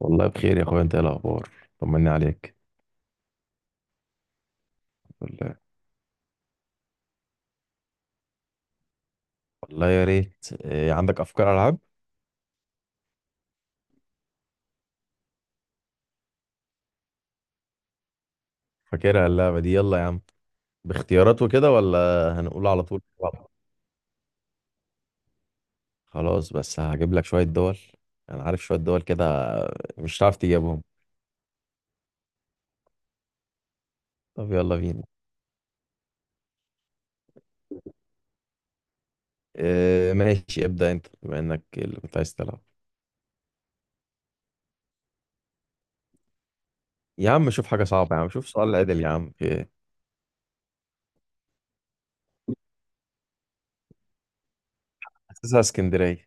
والله بخير يا اخويا، انت ايه الاخبار؟ طمني عليك. والله والله يا ريت. إيه، عندك افكار العاب؟ فاكرها اللعبه دي، يلا يا عم. باختيارات وكده ولا هنقول على طول؟ خلاص، بس هجيب لك شويه دول. انا عارف شويه دول كده مش هتعرف تجيبهم. طب يلا بينا. إيه ماشي، ابدا انت بما انك اللي كنت عايز تلعب. يا عم شوف حاجه صعبه، يا عم شوف سؤال عدل يا عم. إيه؟ اساسها اسكندريه.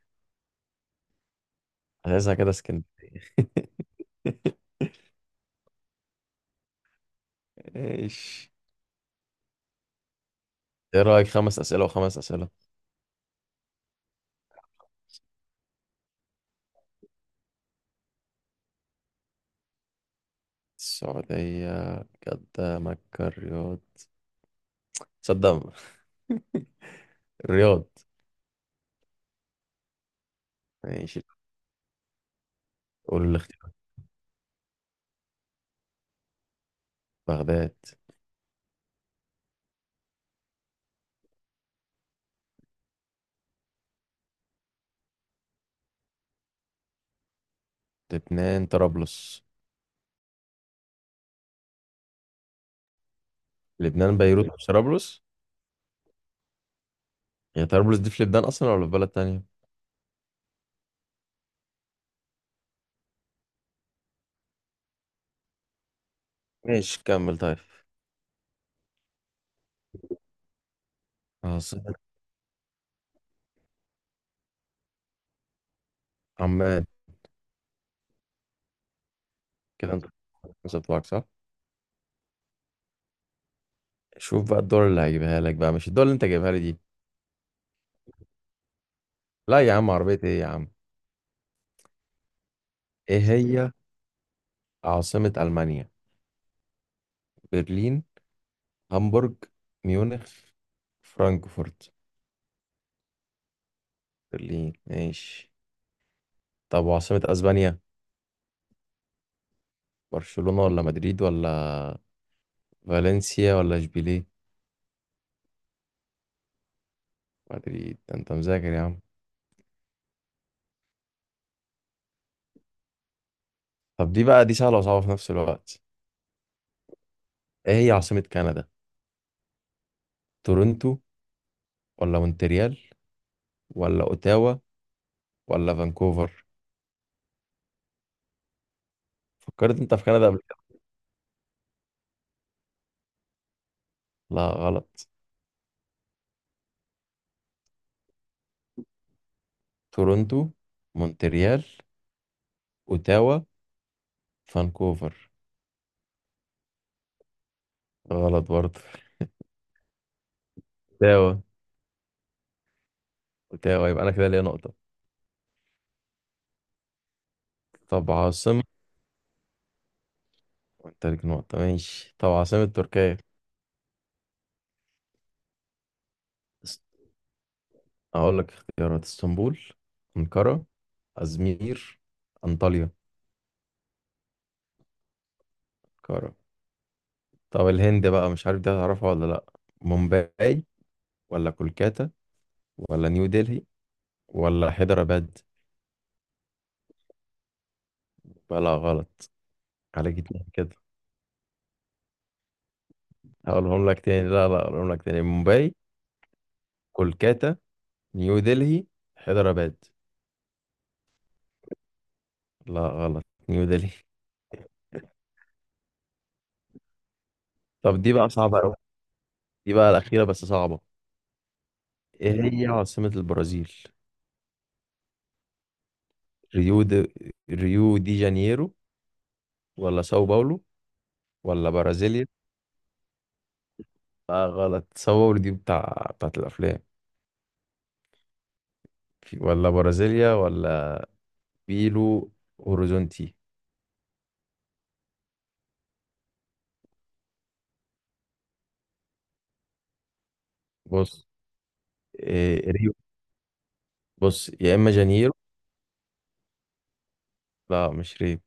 اساسها كده اسكندريه. ايش؟ ايه رايك خمس اسئله وخمس اسئله؟ السعودية، جدة مكة الرياض. تصدق؟ الرياض. ماشي. قول الاختيار. بغداد. لبنان طرابلس. لبنان بيروت مش طرابلس. هي طرابلس دي في لبنان أصلا ولا في بلد تانية؟ ماشي كمل طيب. عاصمة. عمان. كده انت، خمسة بتوعك صح. شوف بقى الدول اللي هجيبها لك بقى، مش الدول اللي انت جايبها لي دي. لا يا عم عربية ايه يا عم. ايه هي عاصمة ألمانيا؟ برلين، هامبورج، ميونخ، فرانكفورت. برلين ماشي. طب وعاصمة أسبانيا؟ برشلونة ولا مدريد ولا فالنسيا ولا إشبيلية؟ مدريد؟ ده أنت مذاكر يا عم. طب دي بقى، دي سهلة وصعبة في نفس الوقت. إيه هي عاصمة كندا؟ تورنتو ولا مونتريال ولا أوتاوا ولا فانكوفر؟ فكرت أنت في كندا قبل كده؟ لا غلط. تورنتو، مونتريال، أوتاوا، فانكوفر. غلط برضه. أوتاوا. أوتاوا، يبقى أنا كده ليا نقطة. طب عاصمة. وأنت ليك نقطة، ماشي. طب عاصمة تركيا. أقول لك اختيارات: اسطنبول، أنقرة، أزمير، أنطاليا. أنقرة. طب الهند بقى، مش عارف دي هتعرفها ولا لأ. مومباي ولا كولكاتا ولا نيو دلهي ولا حيدراباد؟ ولا غلط. عليك اتنين كده. هقولهم لك تاني، لا لا هقولهم لك تاني. مومباي، كولكاتا، نيو دلهي، حيدراباد. لا غلط. نيو دلهي. طب دي بقى صعبة أوي. دي بقى الأخيرة بس صعبة. إيه هي عاصمة البرازيل؟ ريو دي، ريو دي جانيرو، ولا ساو باولو، ولا برازيليا. لا غلط. تصور دي بتاعت الافلام. في، ولا برازيليا، ولا بيلو هوريزونتي. بص. إيه ريو. بص يا اما جانيرو. لا مش ريو،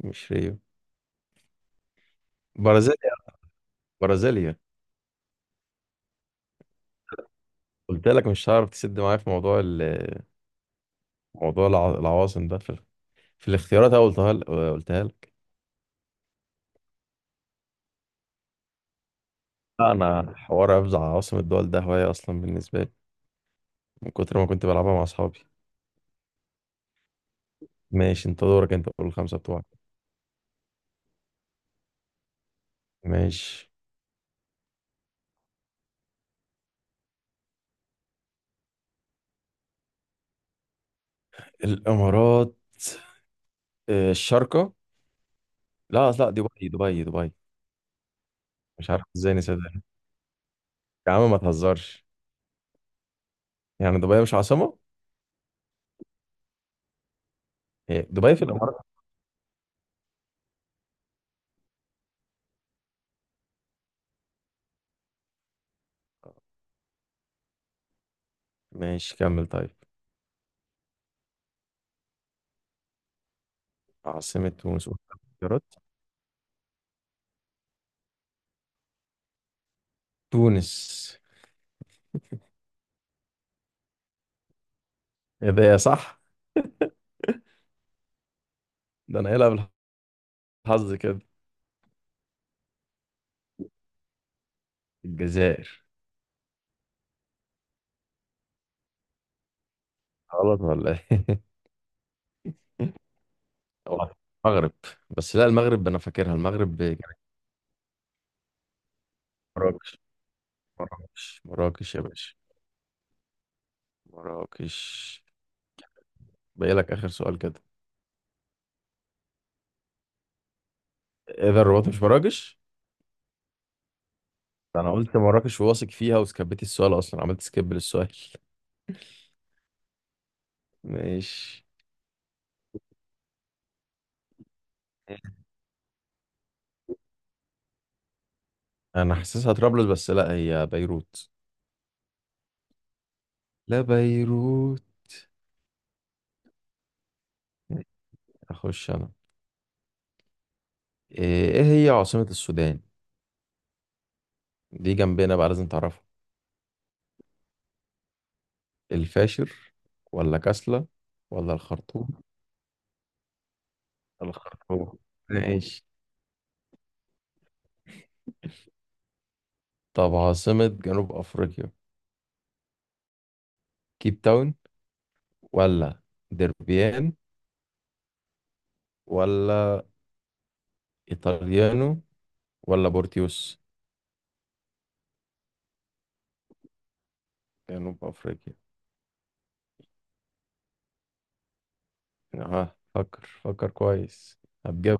مش ريو. برازيليا، برازيليا. قلت لك مش هعرف تسد معايا في موضوع العواصم ده في الاختيارات أهو. قلتها لك، قلتها لك. لا انا حوار حفظ عواصم الدول ده هوايه اصلا بالنسبه لي، من كتر ما كنت بلعبها مع اصحابي. ماشي انت دورك، انت قول الخمسه بتوعك. ماشي. الامارات. الشارقة. لا لا، دبي دبي دبي. مش عارف ازاي نسيت ده. يا عم ما تهزرش. يعني دبي مش عاصمة؟ هي دبي في الإمارات. ماشي كمل طيب. عاصمة تونس. اختيارات. تونس. ايه ده يا صح! ده انا قايلها. بالحظ كده. الجزائر. غلط ولا ايه؟ هو المغرب. بس لا المغرب انا فاكرها، المغرب كانت مراكش. مراكش، مراكش يا باشا. مراكش. باقي لك اخر سؤال كده. ايه ده، الرباط مش مراكش؟ ده انا قلت مراكش واثق فيها وسكبت السؤال، اصلا عملت سكيب للسؤال. ماشي. انا حاسسها طرابلس، بس لا هي بيروت. لا بيروت. اخش انا. إيه هي عاصمة السودان؟ دي جنبنا بقى لازم تعرفها. الفاشر ولا كسلة ولا الخرطوم؟ الخرطوم. ماشي. طب عاصمة جنوب افريقيا. كيب تاون ولا دربيان ولا ايطاليانو ولا بورتيوس. جنوب افريقيا. اه فكر فكر كويس. هتجيب.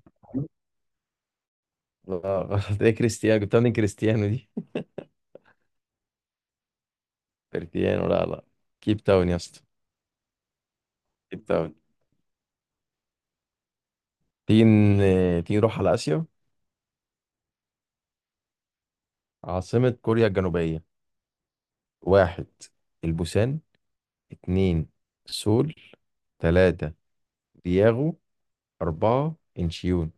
لا غلط. ايه كريستيانو، جبتها من كريستيانو دي. كريستيانو، لا لا. كيب تاون يا اسطى. كيب تاون. تيجي نروح على آسيا. عاصمة كوريا الجنوبية. واحد، البوسان. اتنين، سول. تلاتة، دياغو. أربعة، انشيون.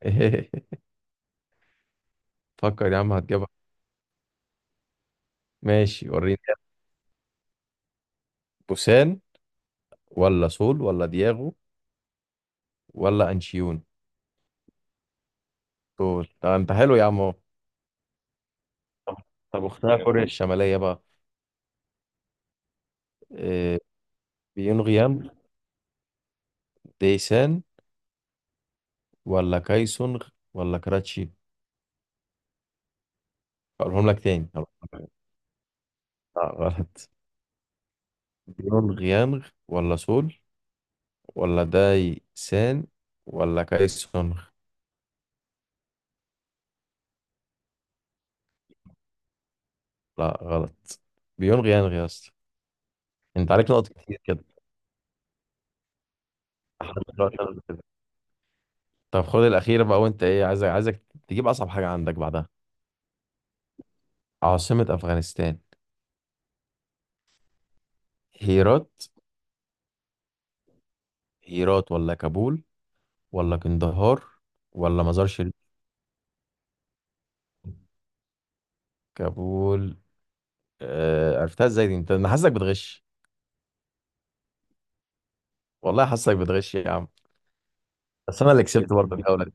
فكر يا عم هتجيبها. ماشي وريني. بوسان ولا سول ولا دياغو ولا انشيون. سول. ده انت حلو يا عم. طب طب اختها كوريا الشمالية بقى. إيه. بيونغيام، ديسان، ولا كايسونغ، ولا كراتشي. هقولهم لك تاني، هقولهم لك. لا غلط. بيونغيانغ ولا سول ولا داي سان ولا كايسونغ. لا غلط. بيونغيانغ يا اسطى. انت عليك نقط كتير كده. لحد دلوقتي أنا كده. طب خد الأخيرة بقى، وانت ايه، عايزك تجيب أصعب حاجة عندك بعدها. عاصمة أفغانستان. هيرات. هيرات ولا كابول ولا قندهار ولا مزار شريف. كابول. آه عرفتها ازاي دي انت، انا حاسسك بتغش. والله حاسسك بتغش يا عم. بس انا اللي كسبت برضه الجوله دي.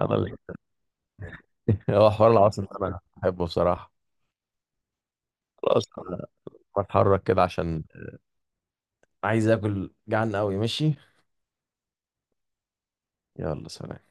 انا اللي. هو حوار العاصمة ده انا بحبه بصراحة. خلاص انا بتحرك كده عشان عايز اكل، جعان قوي ماشي. يلا سلام.